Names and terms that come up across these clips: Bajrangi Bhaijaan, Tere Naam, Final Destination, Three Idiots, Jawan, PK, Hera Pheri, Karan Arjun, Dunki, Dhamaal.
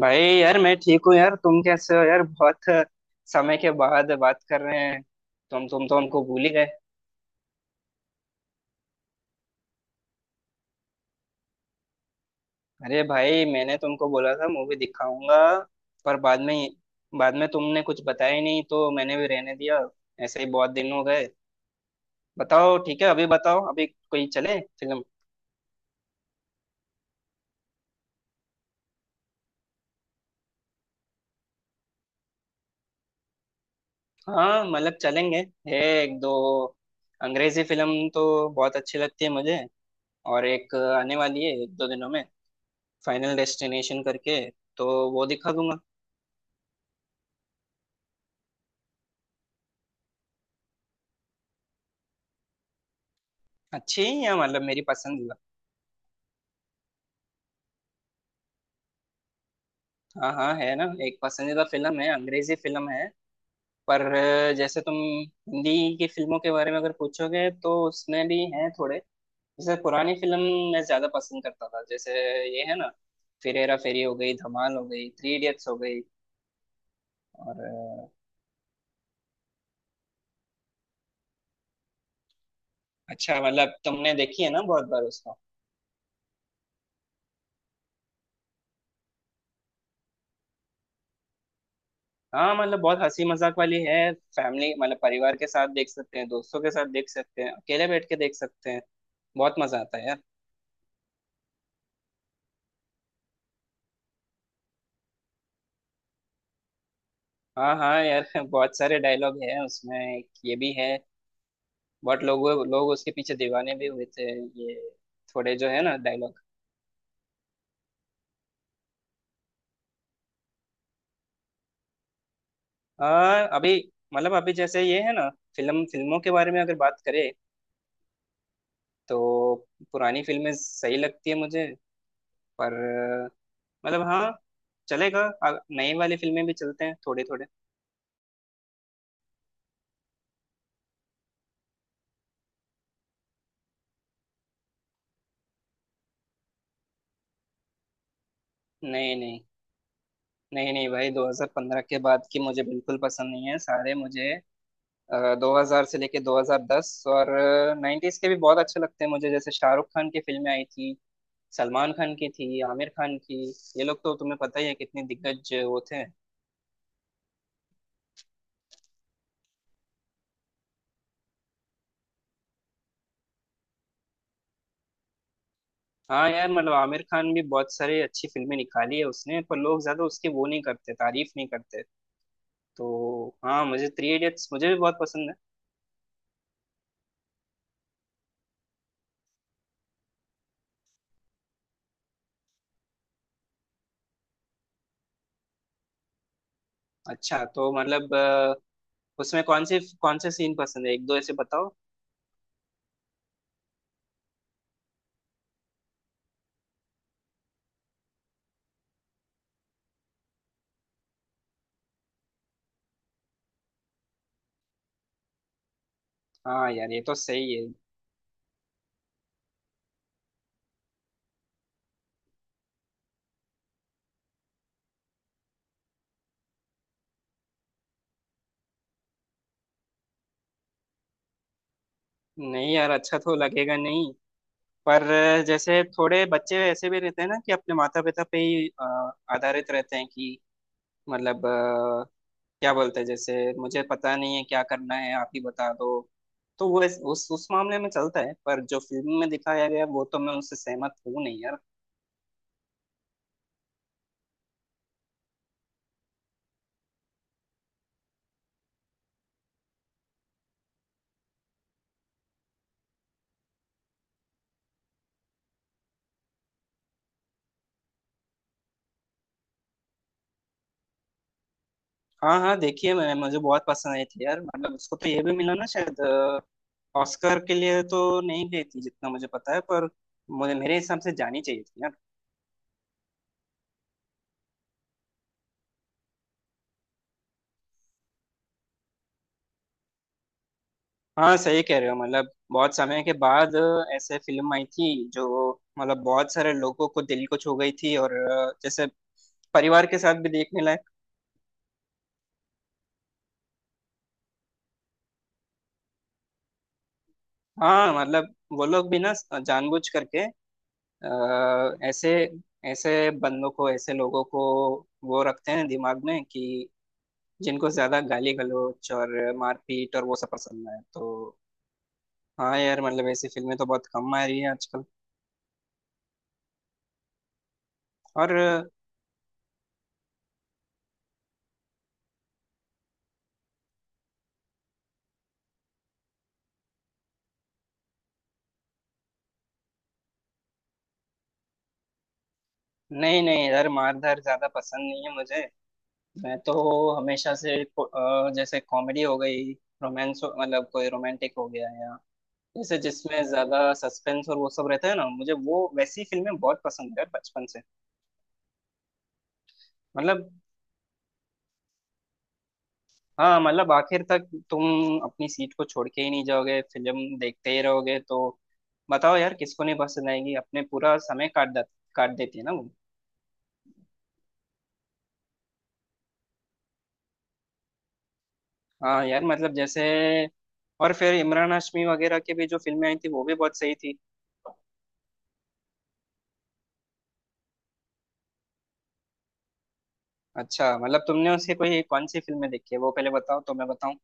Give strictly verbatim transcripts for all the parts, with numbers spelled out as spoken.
भाई यार मैं ठीक हूँ यार तुम कैसे हो यार। बहुत समय के बाद बात कर रहे हैं। तुम तुम तो हमको भूल ही गए। अरे भाई मैंने तुमको बोला था मूवी दिखाऊंगा पर बाद में। बाद में तुमने कुछ बताया ही नहीं तो मैंने भी रहने दिया। ऐसे ही बहुत दिन हो गए। बताओ ठीक है अभी बताओ अभी कोई चले फिल्म। हाँ मतलब चलेंगे। है एक दो अंग्रेजी फिल्म तो बहुत अच्छी लगती है मुझे। और एक आने वाली है एक दो दिनों में, फाइनल डेस्टिनेशन करके, तो वो दिखा दूंगा। अच्छी ही है मतलब मेरी पसंदीदा। हाँ हाँ है ना, एक पसंदीदा फिल्म है, अंग्रेजी फिल्म है। पर अ, जैसे तुम हिंदी की फिल्मों के बारे में अगर पूछोगे तो उसमें भी हैं थोड़े। जैसे पुरानी फिल्म मैं ज्यादा पसंद करता था। जैसे ये है ना, फिर हेरा फेरी हो गई, धमाल हो गई, थ्री इडियट्स हो गई और अ, अच्छा मतलब तुमने देखी है ना बहुत बार उसको। हाँ मतलब बहुत हंसी मजाक वाली है। फैमिली मतलब परिवार के साथ देख सकते हैं, दोस्तों के साथ देख सकते हैं, अकेले बैठ के देख सकते हैं। बहुत मजा आता है यार। हाँ हाँ यार बहुत सारे डायलॉग हैं उसमें, एक ये भी है। बहुत लोगों लोग उसके पीछे दीवाने भी हुए थे, ये थोड़े जो है ना डायलॉग। हाँ अभी मतलब अभी जैसे ये है ना, फिल्म फिल्मों के बारे में अगर बात करें तो पुरानी फिल्में सही लगती है मुझे। पर मतलब हाँ चलेगा, अ- नई वाली फिल्में भी चलते हैं थोड़े थोड़े। नहीं नहीं, नहीं नहीं भाई, दो हजार पंद्रह के बाद की मुझे बिल्कुल पसंद नहीं है सारे मुझे। दो हजार से लेके दो हजार दस और नाइन्टीज के भी बहुत अच्छे लगते हैं मुझे। जैसे शाहरुख खान की फिल्में आई थी, सलमान खान की थी, आमिर खान की। ये लोग तो तुम्हें पता ही है कितने दिग्गज वो थे। हाँ यार मतलब आमिर खान भी बहुत सारी अच्छी फिल्में निकाली है उसने, पर लोग ज्यादा उसकी वो नहीं करते, तारीफ नहीं करते। तो हाँ मुझे थ्री इडियट्स मुझे भी बहुत पसंद है। अच्छा तो मतलब अ, उसमें कौन से कौन से सीन पसंद है, एक दो ऐसे बताओ। हाँ यार ये तो सही है। नहीं यार अच्छा तो लगेगा नहीं। पर जैसे थोड़े बच्चे ऐसे भी रहते हैं ना कि अपने माता पिता पे ही अ, आधारित रहते हैं कि मतलब अ, क्या बोलते हैं जैसे, मुझे पता नहीं है क्या करना है आप ही बता दो। तो वो इस- उस उस मामले में चलता है, पर जो फिल्म में दिखाया गया वो तो मैं उससे सहमत हूँ नहीं यार। हाँ हाँ देखिए मैं मुझे बहुत पसंद आई थी यार। मतलब उसको तो ये भी मिला ना शायद, अ, ऑस्कर के लिए तो नहीं गई थी जितना मुझे पता है, पर मुझे, मेरे हिसाब से, जानी चाहिए थी यार। हाँ सही कह रहे हो। मतलब बहुत समय के बाद अ, ऐसे फिल्म आई थी जो मतलब बहुत सारे लोगों को दिल को छू गई थी, और अ, जैसे परिवार के साथ भी देखने लायक। हाँ मतलब वो लोग भी ना जानबूझ करके अ, ऐसे ऐसे बंदों को, ऐसे लोगों को वो रखते हैं दिमाग में कि जिनको ज्यादा गाली गलौज और मारपीट और वो सब पसंद है, तो हाँ यार मतलब ऐसी फिल्में तो बहुत कम आ रही है आजकल। और अ, नहीं नहीं यार मार धार ज्यादा पसंद नहीं है मुझे। मैं तो हमेशा से को- अ, जैसे कॉमेडी हो गई, रोमांस मतलब कोई रोमांटिक हो गया, या जैसे जिसमें ज्यादा सस्पेंस और वो सब रहता है ना, मुझे वो वैसी फिल्में बहुत पसंद है बचपन से। मतलब हाँ मतलब आखिर तक तुम अपनी सीट को छोड़ के ही नहीं जाओगे, फिल्म देखते ही रहोगे। तो बताओ यार किसको नहीं पसंद आएगी, अपने पूरा समय काट दा- काट देती है ना वो। हाँ यार मतलब जैसे, और फिर इमरान हाशमी वगैरह की भी जो फिल्में आई थी वो भी बहुत सही थी। अच्छा मतलब तुमने उसके कोई कौन सी फिल्में देखी है वो पहले बताओ तो मैं बताऊं।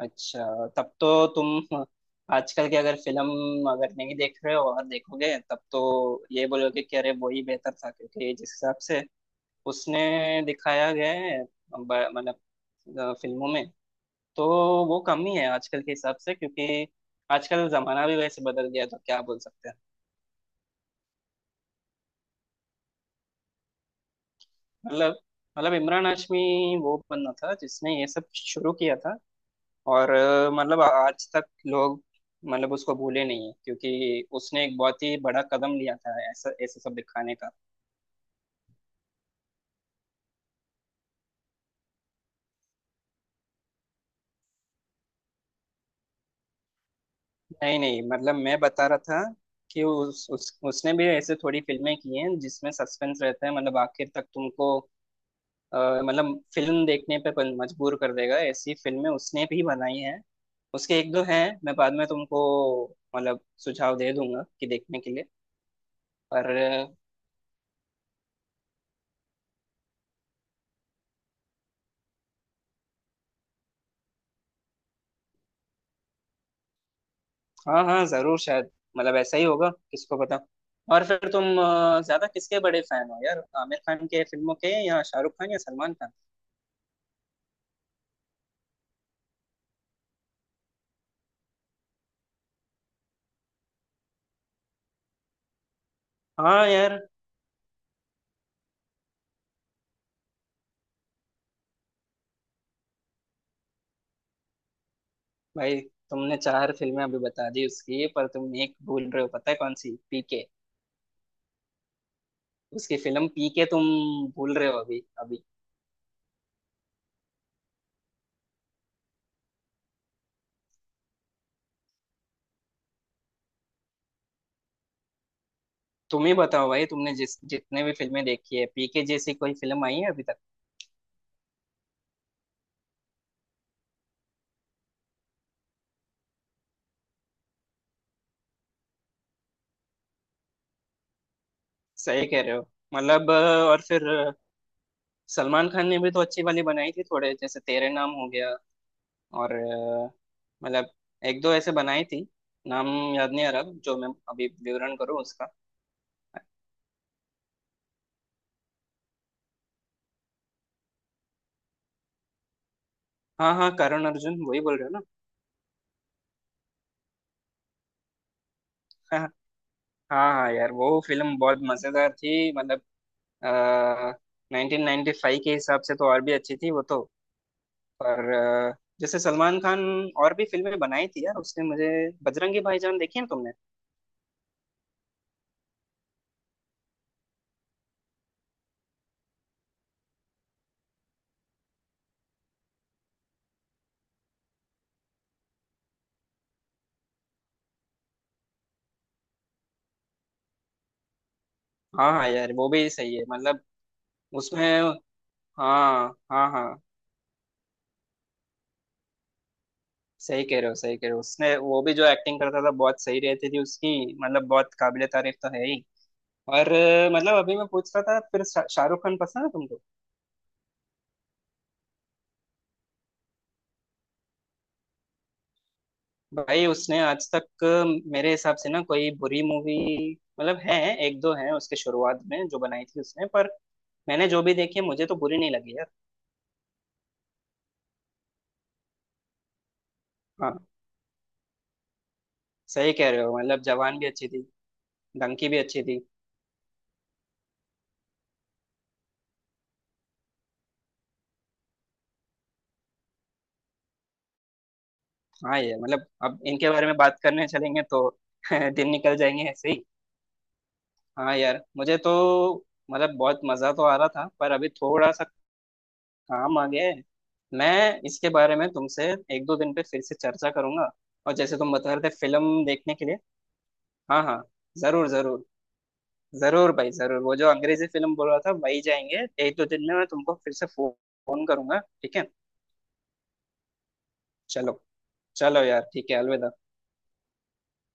अच्छा तब तो तुम आजकल की अगर फिल्म अगर नहीं देख रहे हो, और देखोगे तब तो ये बोलोगे कि अरे वो ही बेहतर था, क्योंकि जिस हिसाब से उसने दिखाया गया है ब- मतलब अ, फिल्मों में, तो वो कम ही है आजकल के हिसाब से, क्योंकि आजकल जमाना भी वैसे बदल गया है, तो क्या बोल सकते हैं। मतलब, मतलब इमरान हाशमी वो बंदा था जिसने ये सब शुरू किया था। और अ, मतलब आज तक लोग मतलब उसको भूले नहीं है, क्योंकि उसने एक बहुत ही बड़ा कदम लिया था, ऐसा ऐसे सब दिखाने का। नहीं नहीं मतलब मैं बता रहा था कि उस, उस उसने भी ऐसे थोड़ी फिल्में की हैं जिसमें सस्पेंस रहता है। मतलब आखिर तक तुमको अ, मतलब फिल्म देखने पे पन- मजबूर कर देगा, ऐसी फिल्में उसने भी बनाई हैं। उसके एक दो हैं मैं बाद में तुमको मतलब सुझाव दे दूंगा कि देखने के लिए। पर हाँ हाँ जरूर शायद, मतलब ऐसा ही होगा, किसको पता। और फिर तुम अ, ज्यादा किसके बड़े फैन हो यार, आमिर खान के फिल्मों के, या शाहरुख खान, या सलमान खान? हाँ यार। भाई तुमने चार फिल्में अभी बता दी उसकी, पर तुम एक भूल रहे हो, पता है कौन सी? पीके। उसकी फिल्म पीके तुम भूल रहे हो अभी अभी। तुम ही बताओ भाई, तुमने जिस जितने भी फिल्में देखी है, पीके जैसी कोई फिल्म आई है अभी तक? सही कह रहे हो। मतलब अ, और फिर अ, सलमान खान ने भी तो अच्छी वाली बनाई थी थोड़े, जैसे तेरे नाम हो गया और अ, मतलब एक दो ऐसे बनाई थी। नाम याद नहीं आ रहा जो मैं अभी विवरण करूँ उसका। हाँ हाँ करण अर्जुन, वही बोल रहे हो ना? हाँ हाँ यार वो फिल्म बहुत मजेदार थी। मतलब आ, नाइनटीन नाइनटी फाइव के हिसाब से तो और भी अच्छी थी वो तो। पर अ, जैसे सलमान खान और भी फिल्में बनाई थी यार उसने, मुझे। बजरंगी भाईजान देखी है तुमने? हाँ हाँ यार वो भी सही है। मतलब उसमें, हाँ हाँ हाँ, सही कह रहे हो, सही कह रहे हो। उसने वो भी जो एक्टिंग करता था बहुत सही रहती थी उसकी। मतलब बहुत काबिले तारीफ तो है ही। और अ, मतलब अभी मैं पूछ रहा था फिर शा- शाहरुख खान पसंद है तुमको? भाई उसने आज तक अ, मेरे हिसाब से ना कोई बुरी मूवी मतलब है। एक दो है उसके शुरुआत में जो बनाई थी उसने, पर मैंने जो भी देखी है मुझे तो बुरी नहीं लगी यार। हाँ सही कह रहे हो, मतलब जवान भी अच्छी थी। डंकी भी अच्छी थी। हाँ ये मतलब अब इनके बारे में बात करने चलेंगे तो दिन निकल जाएंगे ऐसे ही। हाँ यार मुझे तो मतलब बहुत मजा तो आ रहा था, पर अभी थोड़ा सा काम आ गया है। मैं इसके बारे में तुमसे एक दो दिन पे फिर से चर्चा करूंगा। और जैसे तुम बता रहे थे फिल्म देखने के लिए, हाँ हाँ जरूर जरूर। जरूर भाई जरूर, वो जो अंग्रेजी फिल्म बोल रहा था वही जाएंगे एक दो दिन में, मैं तुमको फिर से फोन करूंगा ठीक है। चलो, चलो यार ठीक है, अलविदा।